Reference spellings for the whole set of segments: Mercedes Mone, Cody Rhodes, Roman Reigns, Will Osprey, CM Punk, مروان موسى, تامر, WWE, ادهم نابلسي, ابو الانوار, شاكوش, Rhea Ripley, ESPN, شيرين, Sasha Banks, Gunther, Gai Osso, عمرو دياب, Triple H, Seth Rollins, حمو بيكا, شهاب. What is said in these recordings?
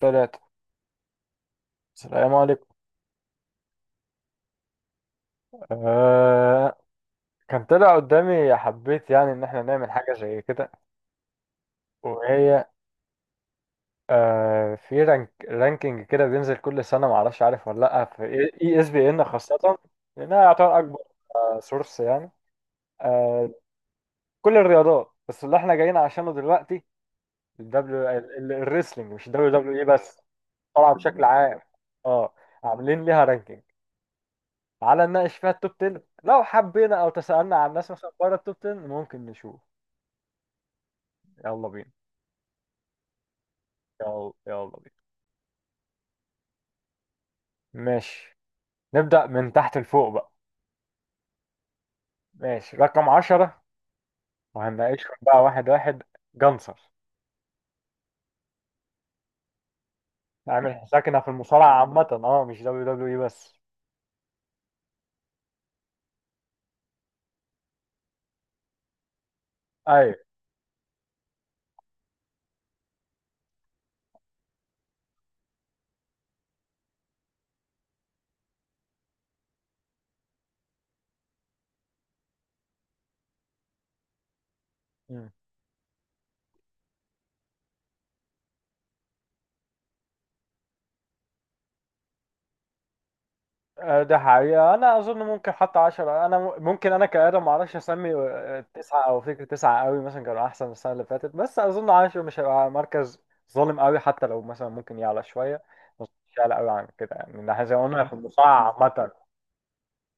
ثلاثة. السلام عليكم. آه كان طلع قدامي حبيت يعني إن إحنا نعمل حاجة زي كده وهي. في رانكينج كده بينزل كل سنة، معرفش عارف ولا لأ، في إي إس بي إن خاصة، لأنها يعتبر أكبر سورس يعني، آه، كل الرياضات، بس اللي إحنا جايين عشانه دلوقتي الدبليو، الريسلينج، مش الدبليو دبليو إي بس. طبعا بشكل عام، أه، عاملين ليها رانكينج. تعالى نناقش فيها التوب 10 لو حبينا، أو تسألنا عن الناس مثلا بره التوب 10 ممكن نشوف. يلا بينا. يلا يلا بينا. ماشي، نبدأ من تحت لفوق بقى. ماشي، رقم عشرة، وهنناقشهم بقى واحد واحد. جنصر. اعمل حسابك إنها في المصارعة عامة، اه، مش دبليو دبليو اي بس. ايوه. مم. آه، ده حقيقة أنا أظن ممكن حتى عشرة، أنا ممكن أنا كآدم معرفش أسمي، آه، تسعة أو فكرة تسعة قوي مثلا كانوا أحسن السنة اللي فاتت، بس أظن عشرة مش هيبقى مركز ظالم قوي، حتى لو مثلا ممكن يعلى شوية، بس مش يعلى قوي عن كده يعني، إن إحنا زي ما قلنا في المصارعة عامة.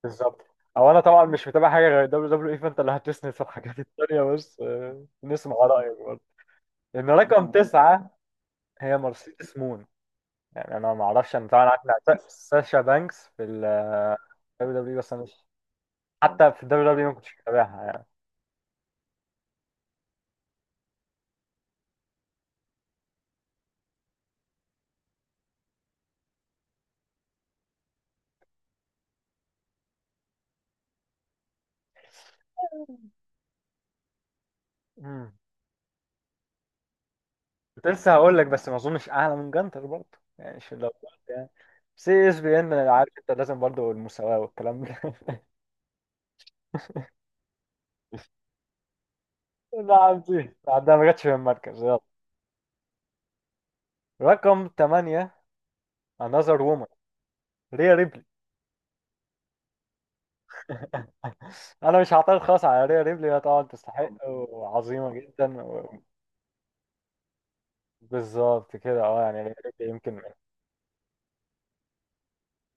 بالظبط. او انا طبعا مش متابع حاجه غير دبليو دبليو اي، فانت اللي هتسند في الحاجات التانيه، بس آه، نسمع رايك برضه. لان رقم تسعه هي مرسيدس مون، يعني انا ما اعرفش، انا طبعا عارف ساشا بانكس في الدبليو دبليو، بس انا مش، حتى في الدبليو دبليو ما كنتش متابعها يعني. مم. كنت لسه هقول لك، بس ما اظنش اعلى من جانتر برضه، يعني مش لو يعني سي اس بي ان انا عارف انت لازم برضه المساواه والكلام ده. لا عندي، عندها ما جاتش في المركز. يلا، رقم 8، another woman، ريا ريبلي. انا مش هعترض خالص على ريا ريبلي، هي طبعا تستحق وعظيمه جدا و... بالظبط كده، اه، يعني ريا ريبلي يمكن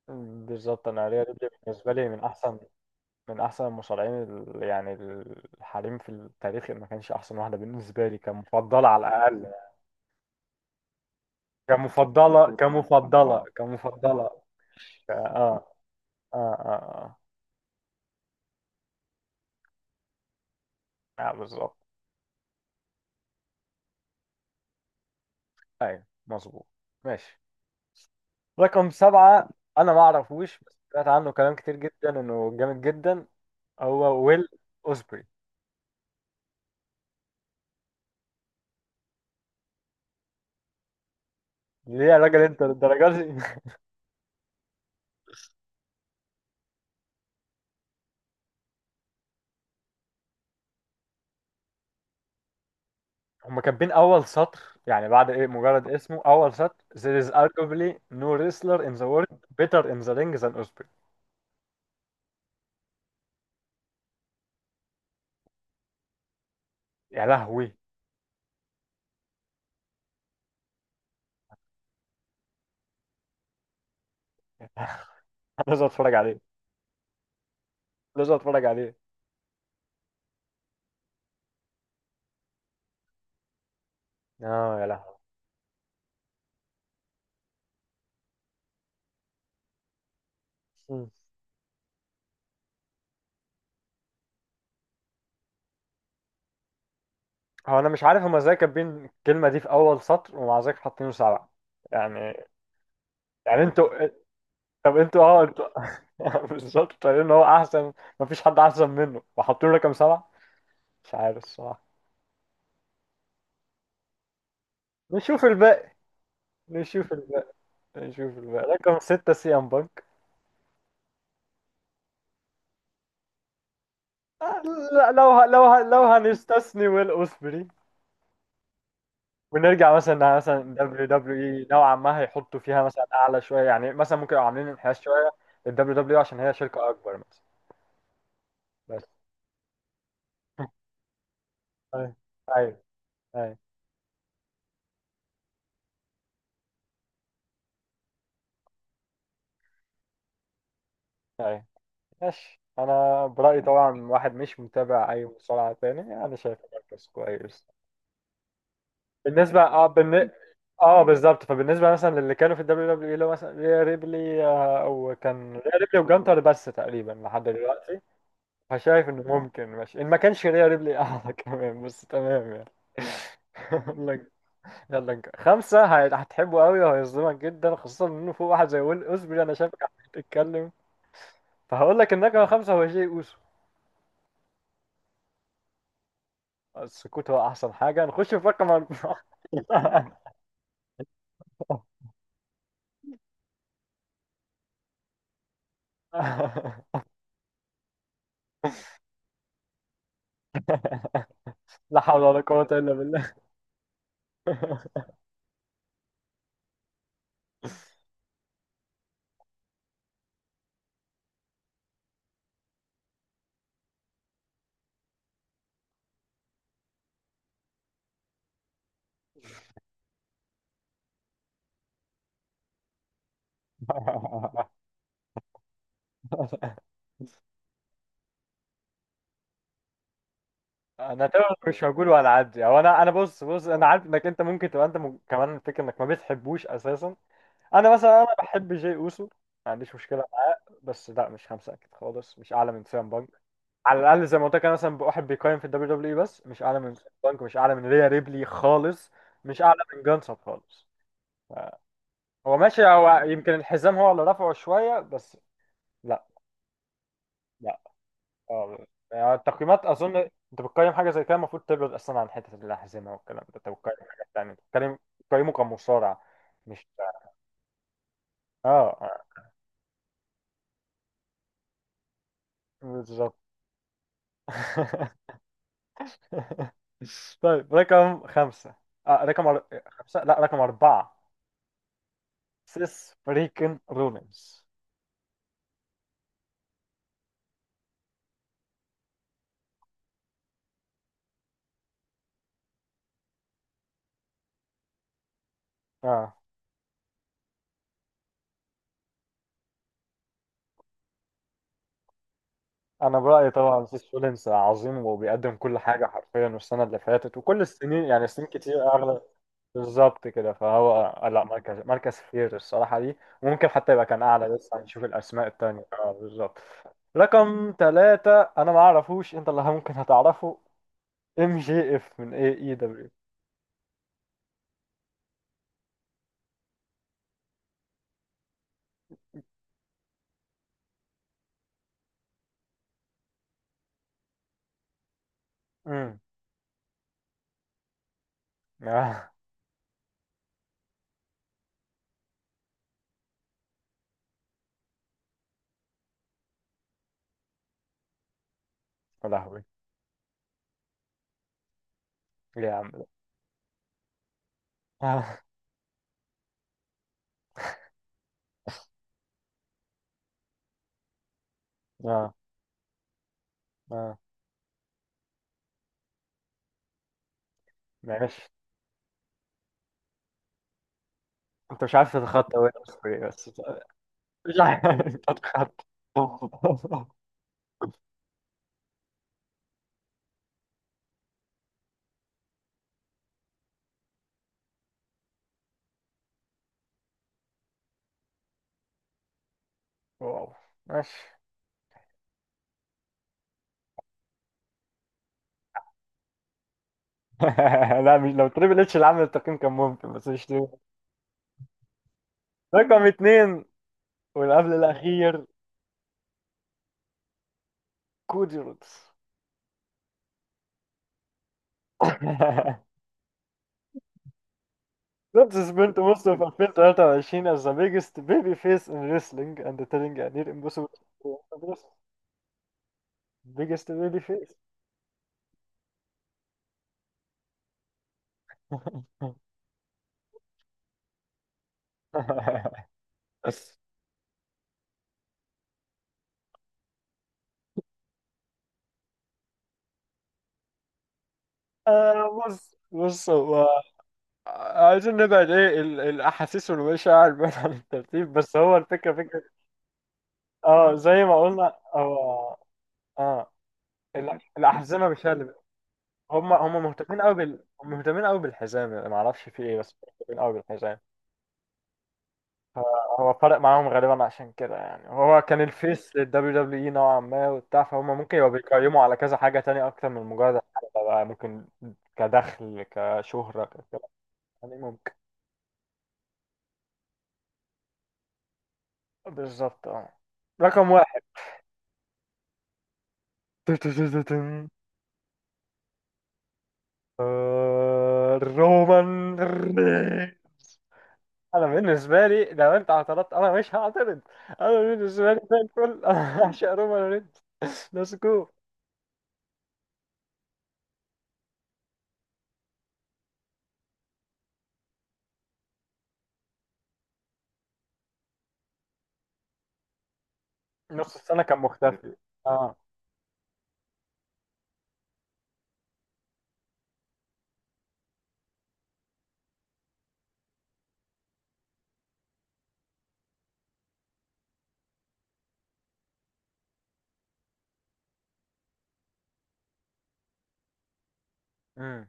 من... بالظبط، انا ريا ريبلي بالنسبه لي من احسن، من احسن المصارعين يعني الحريم في التاريخ، إن ما كانش احسن واحده بالنسبه لي كمفضله على الاقل يعني. كمفضله كمفضله. اه. اه. اه. اه، آه، بالظبط. ايوه مظبوط. ماشي، رقم سبعة، أنا ما أعرفوش بس سمعت عنه كلام كتير جدا إنه جامد جدا. هو ويل أوسبري. ليه يا راجل أنت للدرجة دي؟ هما كاتبين أول سطر، يعني بعد إيه، مجرد اسمه أول سطر. There is arguably no wrestler in the world better in the ring than Osprey. يا لهوي. لازم أتفرج عليه. لازم أتفرج عليه. آه، يا لهوي. مم. هو أنا مش عارف هما إزاي كاتبين الكلمة دي في أول سطر ومع ذلك حاطينه سبعة، يعني. يعني أنتوا، طب انتوا، انتوا. بالظبط، طالعين ان هو احسن، مفيش حد احسن منه، وحاطين رقم سبعة. مش عارف الصراحة. نشوف الباقي. نشوف الباقي. نشوف الباقي. رقم ستة، سي ام بانك. آه، لا، لو هنستثني ويل اوسبري ونرجع مثلا إنها مثلا دبليو دبليو اي نوعا ما، هيحطوا فيها مثلا اعلى شويه، يعني مثلا ممكن يبقوا عاملين انحياز شويه للدبليو دبليو اي عشان هي شركه اكبر مثلا، بس. ايوه. ايوه. ايوه. أيوة. ماشي، انا برايي طبعا واحد مش متابع اي مصارعه تاني، انا شايف مركز كويس. بالنسبه اه بالن... اه بالظبط. فبالنسبه مثلا للي كانوا في الدبليو دبليو اي، اللي هو مثلا ريا ريبلي، آه، وكان ريا ريبلي وجانتر بس تقريبا لحد دلوقتي، فشايف انه ممكن ماشي ان ما كانش ريا ريبلي اعلى كمان، بس تمام يعني. يلا نك- خمسة هي- هتحبه قوي وهيظلمك جدا، خاصة انه فوق واحد زي ويل اوزبري، انا شايفك عمال تتكلم، فهقول لك النجمة خمسة هو جاي اوسو. السكوت هو احسن حاجه، نخش في رقم اربعه. لا حول ولا قوه الا بالله. انا تمام، مش هقول ولا عدي، او انا انا بص انا عارف انك انت ممكن تبقى انت كمان الفكره انك ما بتحبوش اساسا. انا مثلا انا بحب جاي اوسو، ما عنديش مشكله معاه، بس لا مش خمسه اكيد خالص، مش اعلى من سام بانك. على الاقل زي ما قلت لك، انا مثلا واحد بيقيم في الدبليو دبليو اي بس، مش اعلى من سام بانك، مش اعلى من ريا ريبلي خالص، مش اعلى من جانسب خالص. هو ماشي، هو يمكن الحزام هو اللي رفعه شوية، بس لا. لا. اه. يعني التقييمات أظن، أنت بتقيم حاجة زي كده المفروض تبعد أصلا عن حتة الأحزمة والكلام ده، أنت بتقيم حاجة تانية، أنت بتقيمه كمصارع، مش اه. آه، بالظبط. طيب، رقم خمسة، آه رقم أر... خمسة لا رقم أربعة، سيس فريكن رولينز. اه، انا برأيي طبعا سيس رولينز عظيم وبيقدم كل حاجة حرفيا، والسنة اللي فاتت وكل السنين يعني سنين كتير اغلب. بالظبط كده، فهو آه، لا، مركز كتير الصراحة دي، ممكن حتى يبقى كان أعلى، لسه هنشوف الأسماء التانية. اه، بالظبط. رقم ثلاثة، أنا ما أعرفوش، أنت اللي ممكن هتعرفه، ام جي اف من اي اي دبليو. امم. يا لهوي. ليه يا عم ده. اه. اه. آه. ماشي. أنت مش عارف تتخطى وين بس. بس مش عارف تتخطى. واو. ماشي. لا، مش لو تريبل اتش اللي عامل التقييم كان ممكن، بس مش تريبل. رقم اتنين والقبل الأخير، كودي رودز. رودز سبنت most of 2023 as the biggest baby face in wrestling and telling a near impossible to address. Biggest baby face. آه، بص هو عايزين نبعد ايه الاحاسيس والمشاعر بعيد عن الترتيب، بس هو الفكره فكره. اه، زي ما قلنا هو، اه، الاحزمه مش هي اللي، هم مهتمين قوي مهتمين قوي بالحزام، يعني ما اعرفش في ايه، بس مهتمين قوي بالحزام. هو فرق معاهم غالبا عشان كده يعني، هو كان الفيس للدبليو دبليو اي نوعا ما وبتاع، فهم ممكن يبقوا بيقيموا على كذا حاجة تانية اكتر من مجرد الحلبة بقى، ممكن كدخل، كشهرة كده يعني، ممكن. بالظبط، اه. رقم واحد. رومان. انا بالنسبه لي لو انت اعترضت انا مش هعترض، انا بالنسبه لي زي الفل. انا بعشق رومان رينز. ليتس جو. نص السنه كان مختفي. اه. امم.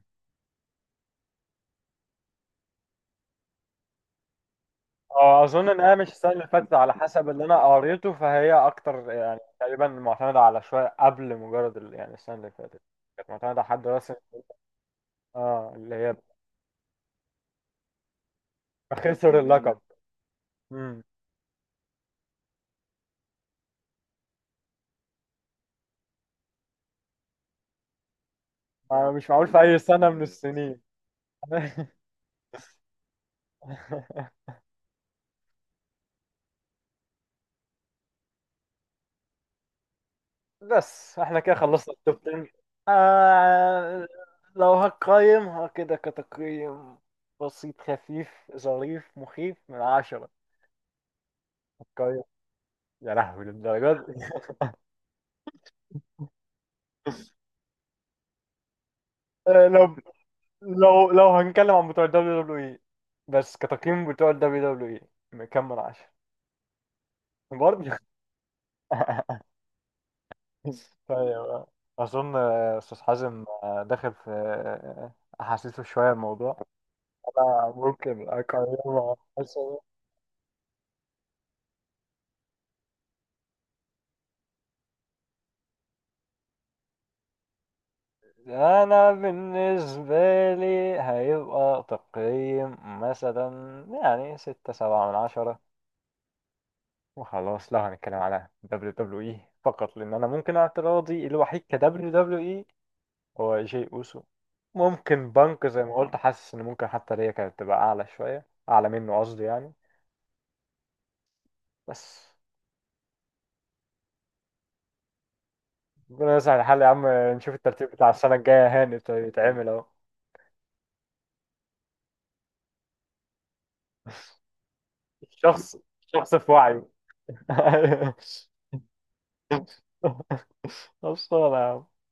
اه، اظن ان هي مش السنه اللي فاتت، على حسب اللي انا قريته، فهي اكتر يعني تقريبا معتمده على شويه قبل مجرد يعني السنه اللي فاتت، كانت معتمده على حد رسمي، اه، اللي هي خسر اللقب. امم. آه، مش معقول في اي سنه من السنين. بس احنا كده خلصنا التوب 10. آه، لو هقيم، ها كده كتقييم بسيط خفيف ظريف مخيف، من عشرة هقيم. يا لهوي، للدرجة دي. آه، لو هنتكلم عن بتوع الدبليو دبليو اي بس، كتقييم بتوع الدبليو دبليو اي كام من عشرة. برضه. طيب، أظن آه، أستاذ حازم آه، داخل في آه، أحاسيسه شوية الموضوع، أنا ممكن أقيمه. انا بالنسبة لي هيبقى تقييم مثلا يعني ستة سبعة من عشرة وخلاص، لو هنتكلم على دبليو دبليو اي فقط، لان انا ممكن اعتراضي الوحيد كدبليو دبليو اي هو جي اوسو. ممكن بنك زي ما قلت، حاسس ان ممكن حتى ليا كانت تبقى اعلى شوية، اعلى منه قصدي يعني، بس. ربنا يسهل الحال يا عم، نشوف الترتيب بتاع السنة الجاية هاني يتعمل اهو. الشخص الشخص في وعيه. خلصانة يا عم.